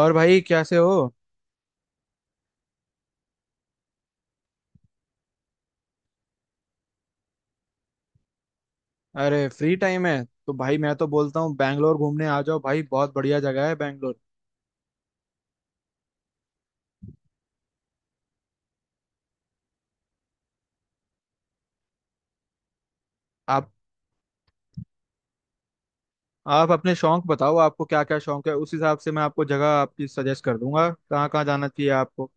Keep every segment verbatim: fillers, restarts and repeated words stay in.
और भाई कैसे हो। अरे फ्री टाइम है तो भाई मैं तो बोलता हूँ बैंगलोर घूमने आ जाओ भाई, बहुत बढ़िया जगह है बैंगलोर। आप आप अपने शौक बताओ, आपको क्या क्या शौक है उस हिसाब से मैं आपको जगह आपकी सजेस्ट कर दूंगा कहाँ कहाँ जाना चाहिए आपको।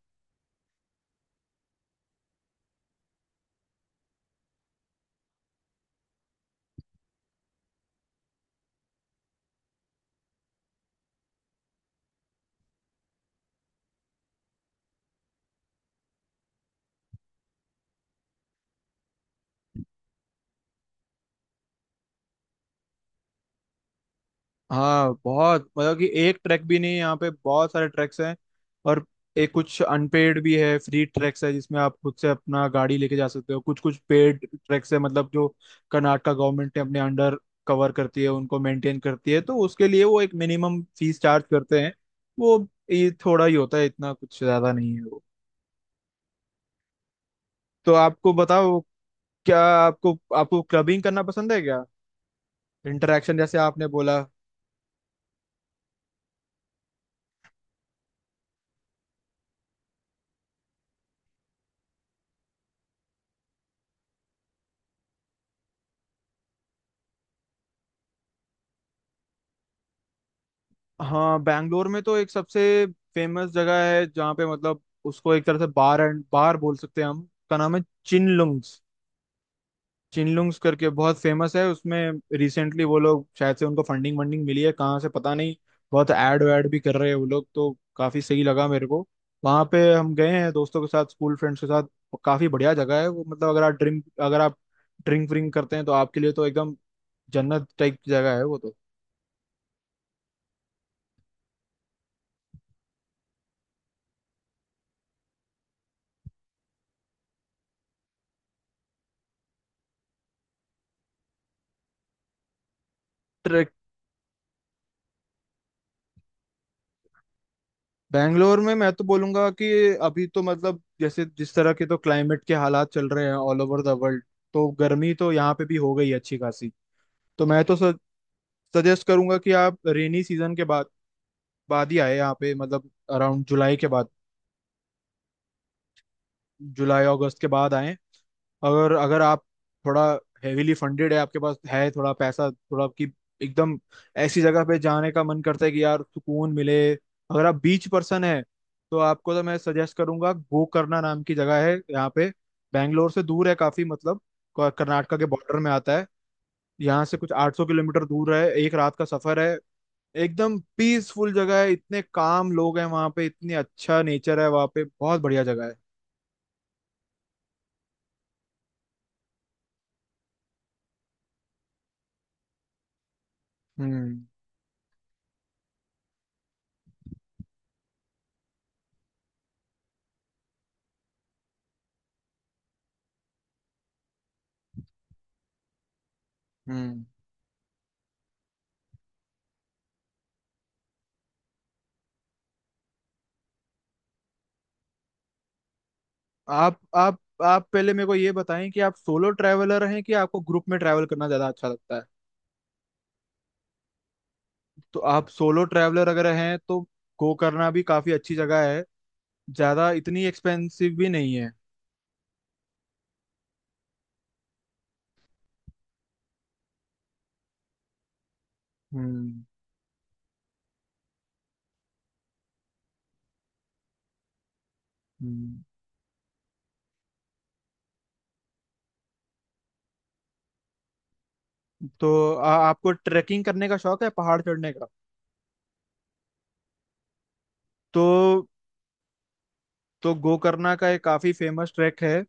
हाँ बहुत मतलब कि एक ट्रैक भी नहीं है, यहाँ पे बहुत सारे ट्रैक्स हैं। और एक कुछ अनपेड भी है फ्री ट्रैक्स है जिसमें आप खुद से अपना गाड़ी लेके जा सकते हो, कुछ कुछ पेड ट्रैक्स है मतलब जो कर्नाटका गवर्नमेंट ने अपने अंडर कवर करती है उनको मेंटेन करती है तो उसके लिए वो एक मिनिमम फीस चार्ज करते हैं वो। ये थोड़ा ही होता है इतना कुछ ज्यादा नहीं है वो। तो आपको बताओ, क्या आपको आपको क्लबिंग करना पसंद है क्या। इंटरेक्शन जैसे आपने बोला। हाँ, बैंगलोर में तो एक सबसे फेमस जगह है जहाँ पे मतलब उसको एक तरह से बार एंड बार बोल सकते हैं हम, उसका नाम है चिनलुंग्स। चिनलुंग्स करके बहुत फेमस है उसमें। रिसेंटली वो लोग शायद से उनको फंडिंग वंडिंग मिली है कहाँ से पता नहीं। बहुत ऐड वैड भी कर रहे हैं वो लोग, तो काफी सही लगा मेरे को। वहाँ पे हम गए हैं दोस्तों के साथ, स्कूल फ्रेंड्स के साथ। काफी बढ़िया जगह है वो, मतलब अगर आप ड्रिंक अगर आप ड्रिंक व्रिंक करते हैं तो आपके लिए तो एकदम जन्नत टाइप की जगह है वो। तो बैंगलोर में मैं तो बोलूंगा कि अभी तो मतलब जैसे जिस तरह के तो क्लाइमेट के हालात चल रहे हैं ऑल ओवर द वर्ल्ड, तो गर्मी तो यहाँ पे भी हो गई है अच्छी खासी। तो मैं तो सजेस्ट करूंगा कि आप रेनी सीजन के बाद बाद ही आए यहाँ पे, मतलब अराउंड जुलाई के बाद। जुलाई अगस्त के बाद आए। अगर अगर आप थोड़ा हेविली फंडेड है, आपके पास है थोड़ा पैसा, थोड़ा आपकी एकदम ऐसी जगह पे जाने का मन करता है कि यार सुकून मिले, अगर आप बीच पर्सन है तो आपको तो मैं सजेस्ट करूंगा गोकर्णा नाम की जगह है यहाँ पे। बैंगलोर से दूर है काफी, मतलब क- कर्नाटका के बॉर्डर में आता है। यहाँ से कुछ आठ सौ किलोमीटर दूर है, एक रात का सफर है। एकदम पीसफुल जगह है, इतने काम लोग हैं वहाँ पे, इतनी अच्छा नेचर है वहाँ पे, बहुत बढ़िया जगह है। हम्म। हम्म। आप आप आप पहले मेरे को ये बताएं कि आप सोलो ट्रैवलर हैं कि आपको ग्रुप में ट्रैवल करना ज्यादा अच्छा लगता है। तो आप सोलो ट्रैवलर अगर हैं तो गोकर्णा भी काफी अच्छी जगह है, ज्यादा इतनी एक्सपेंसिव भी नहीं है। हम्म। हम्म। तो आ, आपको ट्रैकिंग करने का शौक है पहाड़ चढ़ने का। तो तो गोकर्णा का एक काफी फेमस ट्रैक है।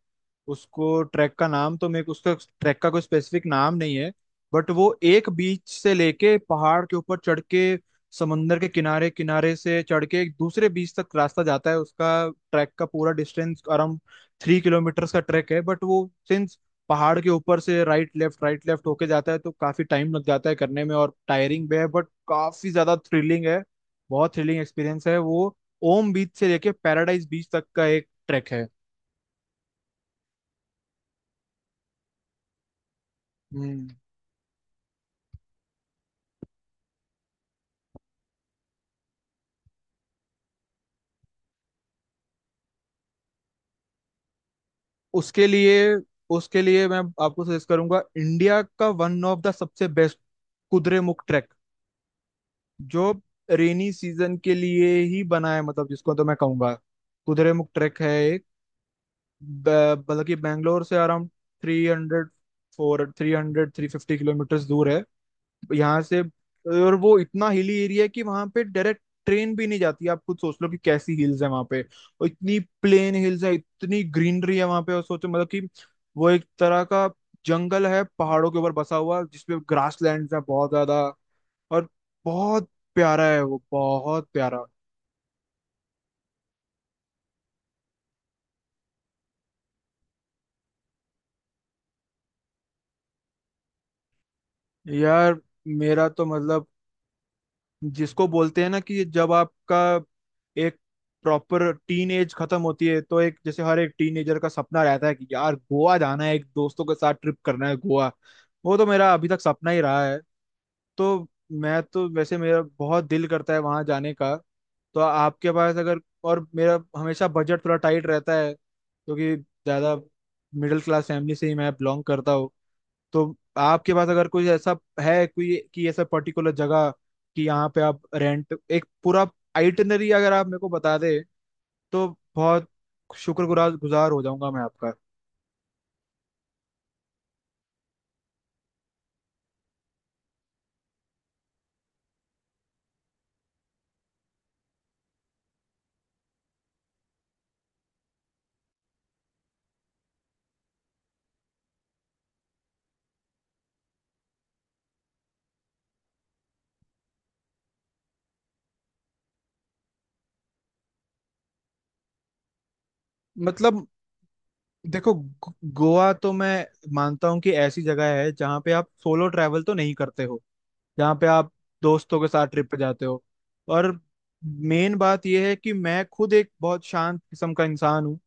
उसको ट्रैक का नाम तो मेरे को उसका ट्रैक का कोई स्पेसिफिक नाम नहीं है। बट वो एक बीच से लेके पहाड़ के ऊपर चढ़ के समंदर के किनारे किनारे से चढ़ के एक दूसरे बीच तक रास्ता जाता है उसका। ट्रैक का पूरा डिस्टेंस अराउंड थ्री किलोमीटर का ट्रैक है, बट वो सिंस पहाड़ के ऊपर से राइट लेफ्ट राइट लेफ्ट होके जाता है तो काफी टाइम लग जाता है करने में, और टायरिंग भी है बट काफी ज्यादा थ्रिलिंग है। बहुत थ्रिलिंग एक्सपीरियंस है वो। ओम बीच से लेके पैराडाइज बीच तक का एक ट्रैक है। हम्म। उसके लिए उसके लिए मैं आपको सजेस्ट करूंगा इंडिया का वन ऑफ द सबसे बेस्ट कुद्रेमुख ट्रैक जो रेनी सीजन के लिए ही बना है, मतलब जिसको तो मैं कहूंगा कुद्रेमुख ट्रैक है एक। ब- बल्कि बैंगलोर से around three hundred four three hundred three fifty kilometre दूर है यहाँ से। और वो इतना हिली एरिया है कि वहां पे डायरेक्ट ट्रेन भी नहीं जाती, आप खुद सोच लो कि कैसी हिल्स है वहां पे। और इतनी प्लेन हिल्स है, इतनी ग्रीनरी है वहां पे, और सोचो मतलब कि वो एक तरह का जंगल है पहाड़ों के ऊपर बसा हुआ जिसपे ग्रास लैंड है बहुत ज्यादा। और बहुत प्यारा है वो, बहुत प्यारा। यार, मेरा तो मतलब जिसको बोलते हैं ना कि जब आपका एक प्रॉपर टीन एज खत्म होती है तो एक जैसे हर एक टीनेजर का सपना रहता है कि यार गोवा जाना है एक दोस्तों के साथ ट्रिप करना है गोवा। वो तो मेरा अभी तक सपना ही रहा है। तो मैं तो वैसे मेरा बहुत दिल करता है वहां जाने का। तो आपके पास अगर, और मेरा हमेशा बजट थोड़ा टाइट रहता है क्योंकि ज़्यादा मिडिल क्लास फैमिली से ही मैं बिलोंग करता हूँ। तो आपके पास अगर कोई ऐसा है, कोई कि ऐसा पर्टिकुलर जगह कि यहाँ पे आप रेंट एक पूरा आइटनरी अगर आप मेरे को बता दे तो बहुत शुक्रगुजार गुजार हो जाऊंगा मैं आपका। मतलब देखो गो- गोवा तो मैं मानता हूँ कि ऐसी जगह है जहाँ पे आप सोलो ट्रैवल तो नहीं करते हो, जहाँ पे आप दोस्तों के साथ ट्रिप पे जाते हो। और मेन बात यह है कि मैं खुद एक बहुत शांत किस्म का इंसान हूँ।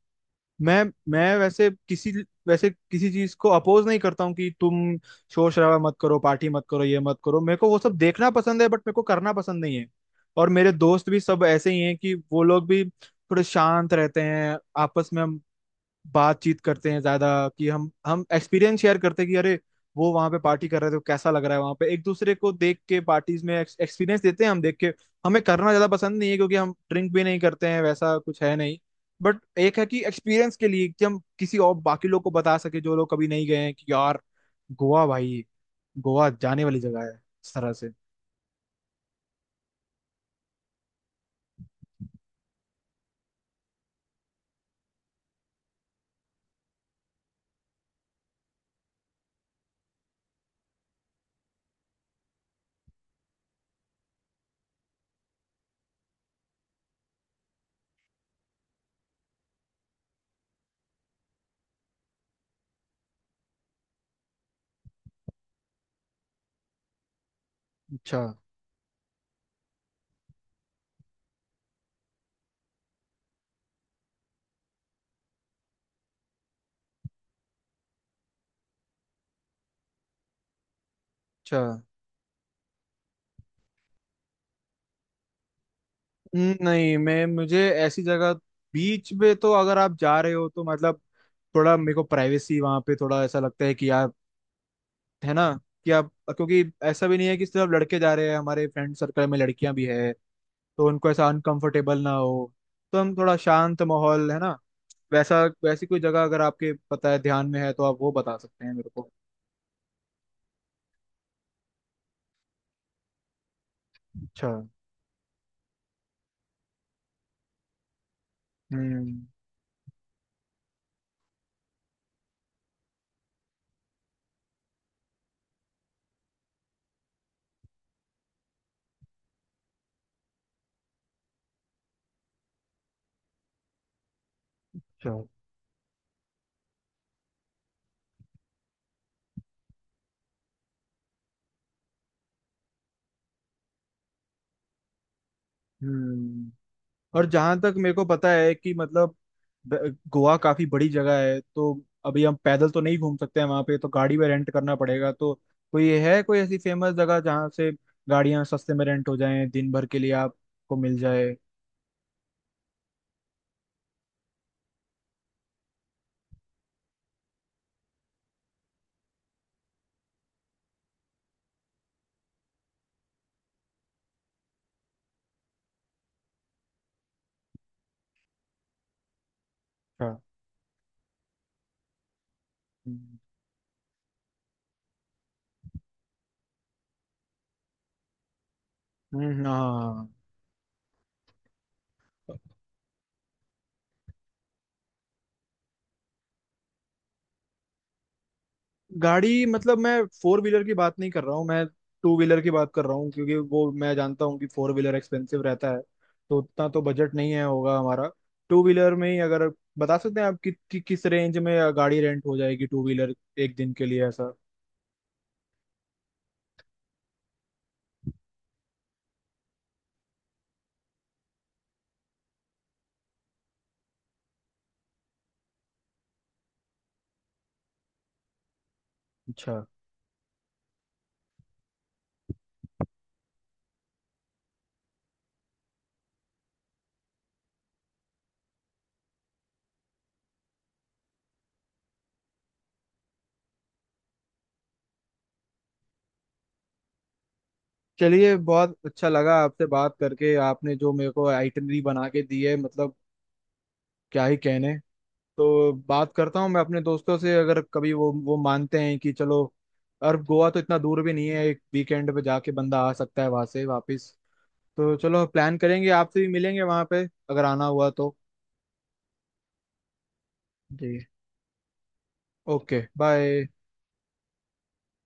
मैं मैं वैसे किसी वैसे किसी चीज को अपोज नहीं करता हूँ कि तुम शोर शराबा मत करो, पार्टी मत करो, ये मत करो, मेरे को वो सब देखना पसंद है बट मेरे को करना पसंद नहीं है। और मेरे दोस्त भी सब ऐसे ही हैं कि वो लोग भी थोड़े शांत रहते हैं, आपस में बातचीत करते हैं ज्यादा, कि हम हम एक्सपीरियंस शेयर करते हैं कि अरे वो वहां पे पार्टी कर रहे थे कैसा लग रहा है वहां पे, एक दूसरे को देख के पार्टीज में एक्सपीरियंस देते हैं हम देख के। हमें करना ज्यादा पसंद नहीं है क्योंकि हम ड्रिंक भी नहीं करते हैं, वैसा कुछ है नहीं। बट एक है कि एक्सपीरियंस के लिए कि हम किसी और बाकी लोग को बता सके जो लोग कभी नहीं गए हैं कि यार गोवा भाई, गोवा जाने वाली जगह है, इस तरह से। अच्छा। अच्छा। नहीं, मैं मुझे ऐसी जगह, बीच पे तो अगर आप जा रहे हो तो मतलब थोड़ा मेरे को प्राइवेसी वहां पे थोड़ा ऐसा लगता है कि आप, है ना कि आप, क्योंकि ऐसा भी नहीं है कि सिर्फ लड़के जा रहे हैं, हमारे फ्रेंड सर्कल में लड़कियां भी है। तो उनको ऐसा अनकंफर्टेबल ना हो। तो हम थोड़ा शांत माहौल, है ना। वैसा वैसी कोई जगह अगर आपके पता है, ध्यान में है तो आप वो बता सकते हैं मेरे को। अच्छा। हम्म। अच्छा। हम्म। और जहां तक मेरे को पता है कि मतलब ब- गोवा काफी बड़ी जगह है, तो अभी हम पैदल तो नहीं घूम सकते हैं वहां पे, तो गाड़ी में रेंट करना पड़ेगा। तो कोई है कोई ऐसी फेमस जगह जहां से गाड़ियां सस्ते में रेंट हो जाएं, दिन भर के लिए आपको मिल जाए। अच्छा। हम्म। हम्म, हाँ। गाड़ी मतलब मैं फोर व्हीलर की बात नहीं कर रहा हूँ, मैं टू व्हीलर की बात कर रहा हूँ, क्योंकि वो मैं जानता हूँ कि फोर व्हीलर एक्सपेंसिव रहता है, तो उतना तो बजट नहीं है होगा हमारा। टू व्हीलर में ही अगर बता सकते हैं आप कि, कि, किस रेंज में गाड़ी रेंट हो जाएगी टू व्हीलर एक दिन के लिए ऐसा। अच्छा। चलिए, बहुत अच्छा लगा आपसे बात करके, आपने जो मेरे को आइटनरी बना के दी है मतलब क्या ही कहने। तो बात करता हूँ मैं अपने दोस्तों से, अगर कभी वो वो मानते हैं कि चलो, और गोवा तो इतना दूर भी नहीं है, एक वीकेंड पे जाके बंदा आ सकता है वहां से वापस। तो चलो प्लान करेंगे, आपसे भी मिलेंगे वहां पे अगर आना हुआ तो। जी। Okay, bye.